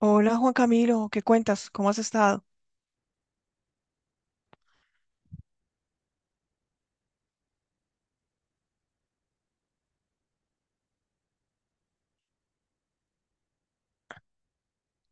Hola Juan Camilo, ¿qué cuentas? ¿Cómo has estado?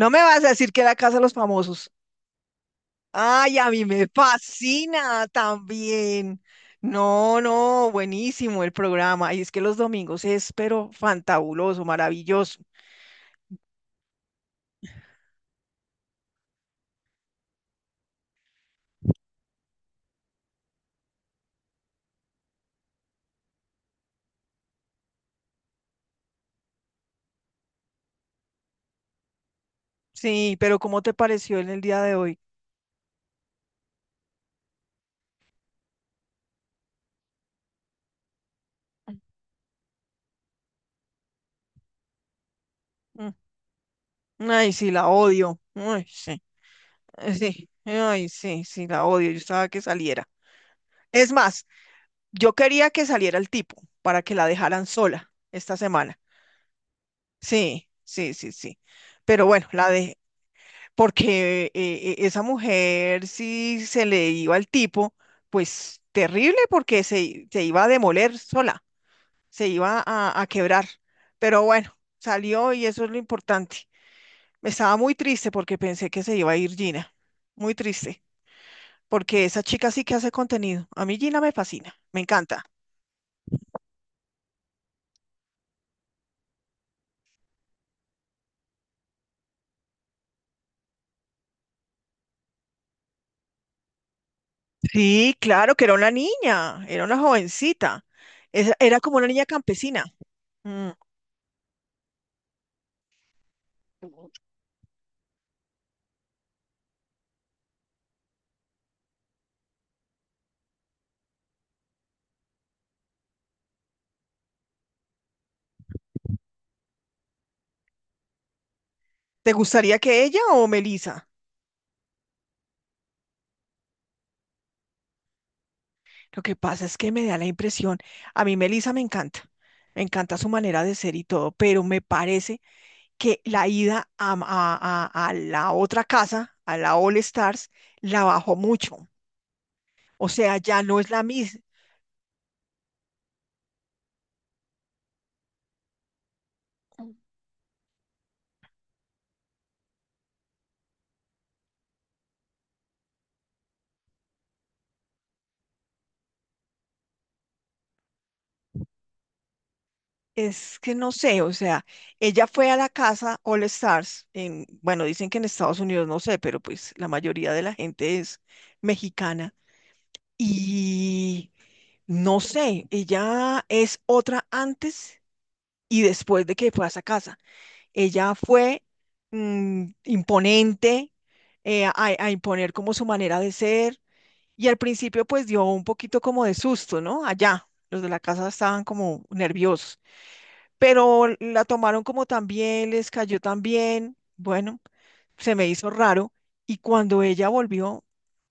No me vas a decir que era Casa de los Famosos. Ay, a mí me fascina también. No, no, buenísimo el programa. Y es que los domingos es, pero fantabuloso, maravilloso. Sí, pero ¿cómo te pareció en el día de hoy? Mm. Mm. Ay, sí, la odio. Ay, sí, ay, sí, ay, sí, sí, la odio. Yo estaba que saliera. Es más, yo quería que saliera el tipo para que la dejaran sola esta semana. Sí, sí, sí, sí. Pero bueno, la de, porque esa mujer si se le iba al tipo, pues terrible porque se iba a demoler sola, se iba a quebrar. Pero bueno, salió y eso es lo importante. Me estaba muy triste porque pensé que se iba a ir Gina. Muy triste, porque esa chica sí que hace contenido. A mí Gina me fascina, me encanta. Sí, claro que era una niña, era una jovencita. Era como una niña campesina. ¿Te gustaría que ella o Melissa? Lo que pasa es que me da la impresión, a mí Melissa me encanta su manera de ser y todo, pero me parece que la ida a, a la otra casa, a la All Stars, la bajó mucho. O sea, ya no es la misma. Es que no sé, o sea, ella fue a la casa All Stars, en, bueno, dicen que en Estados Unidos, no sé, pero pues la mayoría de la gente es mexicana. Y no sé, ella es otra antes y después de que fue a esa casa. Ella fue imponente a imponer como su manera de ser y al principio pues dio un poquito como de susto, ¿no? Allá, los de la casa estaban como nerviosos, pero la tomaron como tan bien, les cayó tan bien, bueno se me hizo raro y cuando ella volvió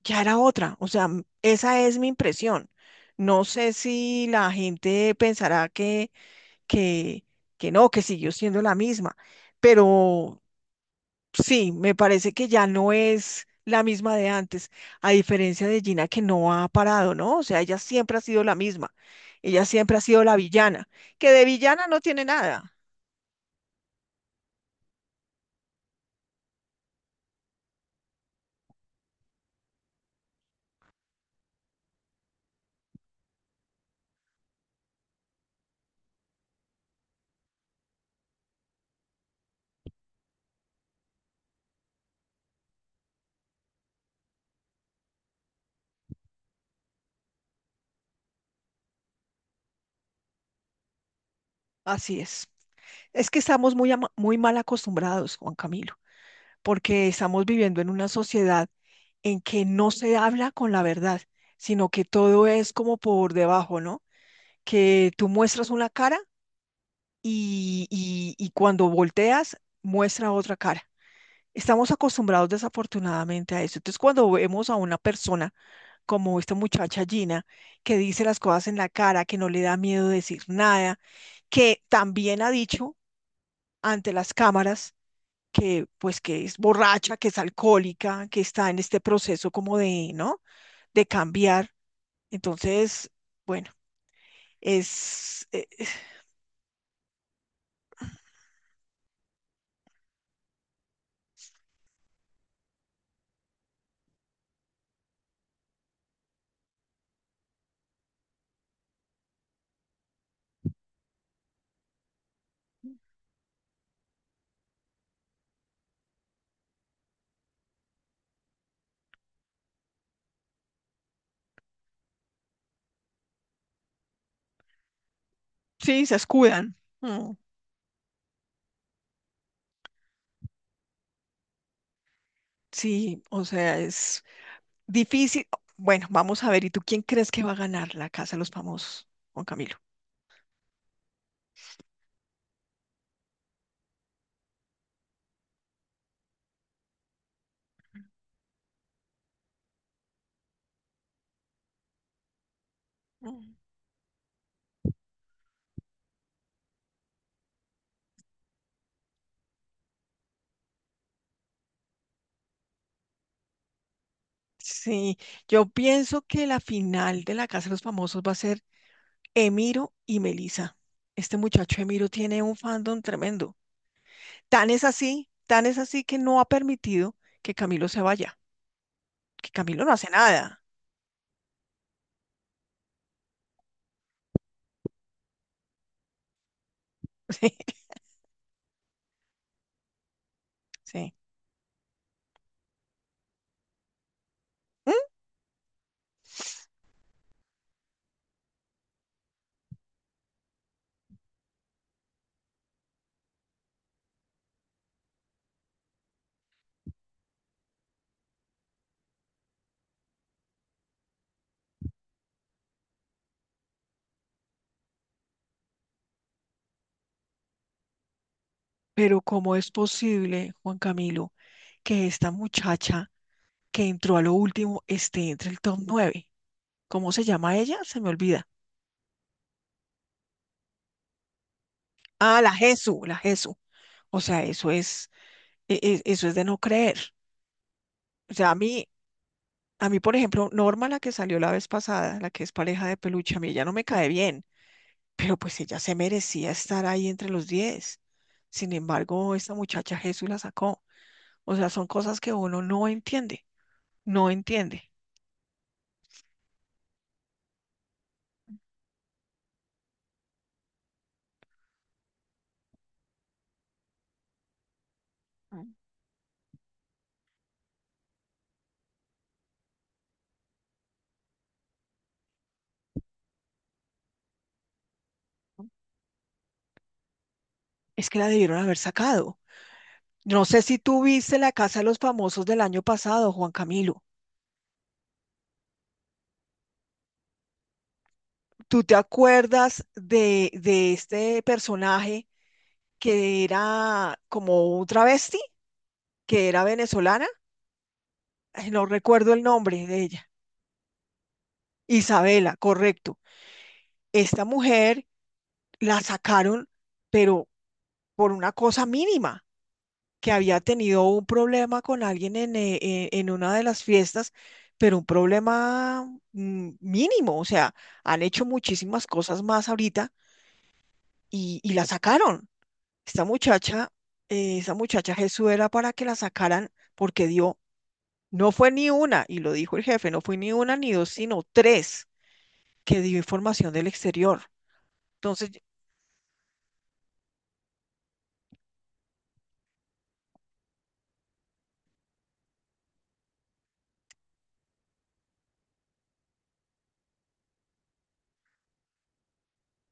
ya era otra. O sea, esa es mi impresión. No sé si la gente pensará que, que no, que siguió siendo la misma, pero sí, me parece que ya no es la misma de antes, a diferencia de Gina que no ha parado, ¿no? O sea, ella siempre ha sido la misma. Ella siempre ha sido la villana, que de villana no tiene nada. Así es. Es que estamos muy mal acostumbrados, Juan Camilo. Porque estamos viviendo en una sociedad en que no se habla con la verdad, sino que todo es como por debajo, ¿no? Que tú muestras una cara y cuando volteas muestra otra cara. Estamos acostumbrados desafortunadamente a eso. Entonces, cuando vemos a una persona como esta muchacha Gina, que dice las cosas en la cara, que no le da miedo decir nada, que también ha dicho ante las cámaras, que pues que es borracha, que es alcohólica, que está en este proceso como de, ¿no? De cambiar. Entonces, bueno, es, eh, es- sí, se escudan. Mm, sí, o sea, es difícil. Bueno, vamos a ver, ¿y tú quién crees que va a ganar la Casa de los Famosos, Juan Camilo? Mm. Sí, yo pienso que la final de la Casa de los Famosos va a ser Emiro y Melissa. Este muchacho Emiro tiene un fandom tremendo. Tan es así que no ha permitido que Camilo se vaya, que Camilo no hace nada. Sí, sí. ¿Mm? Pero ¿cómo es posible, Juan Camilo, que esta muchacha que entró a lo último esté entre el top nueve? ¿Cómo se llama ella? Se me olvida. Ah, la Jesu, la Jesu. O sea, eso es, eso es de no creer. O sea, por ejemplo, Norma, la que salió la vez pasada, la que es pareja de peluche, a mí ella no me cae bien, pero pues ella se merecía estar ahí entre los 10. Sin embargo, esta muchacha Jesús la sacó. O sea, son cosas que uno no entiende, no entiende. Mm. Es que la debieron haber sacado. No sé si tú viste la Casa de los Famosos del año pasado, Juan Camilo. ¿Tú te acuerdas de este personaje que era como un travesti, que era venezolana? Ay, no recuerdo el nombre de ella. Isabela, correcto. Esta mujer la sacaron, pero por una cosa mínima, que había tenido un problema con alguien en una de las fiestas, pero un problema mínimo, o sea han hecho muchísimas cosas más ahorita y la sacaron. Esta muchacha, Esa muchacha Jesús era para que la sacaran porque no fue ni una, y lo dijo el jefe, no fue ni una ni dos, sino tres que dio información del exterior. Entonces,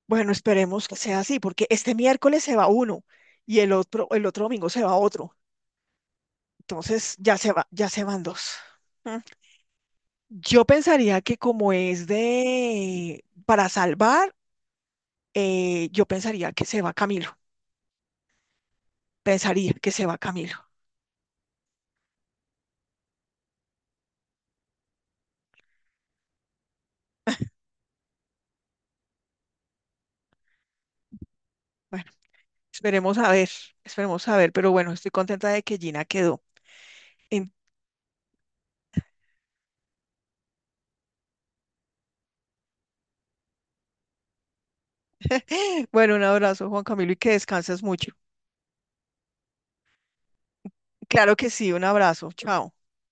bueno, esperemos que sea así, porque este miércoles se va uno y el otro domingo se va otro. Entonces ya se van dos. Mm. Yo pensaría que como es de para salvar, yo pensaría que se va Camilo. Pensaría que se va Camilo. Esperemos a ver, esperemos a ver, pero bueno, estoy contenta de que Gina quedó. En- Bueno, un abrazo, Juan Camilo, y que descanses mucho. Claro que sí, un abrazo. Chao.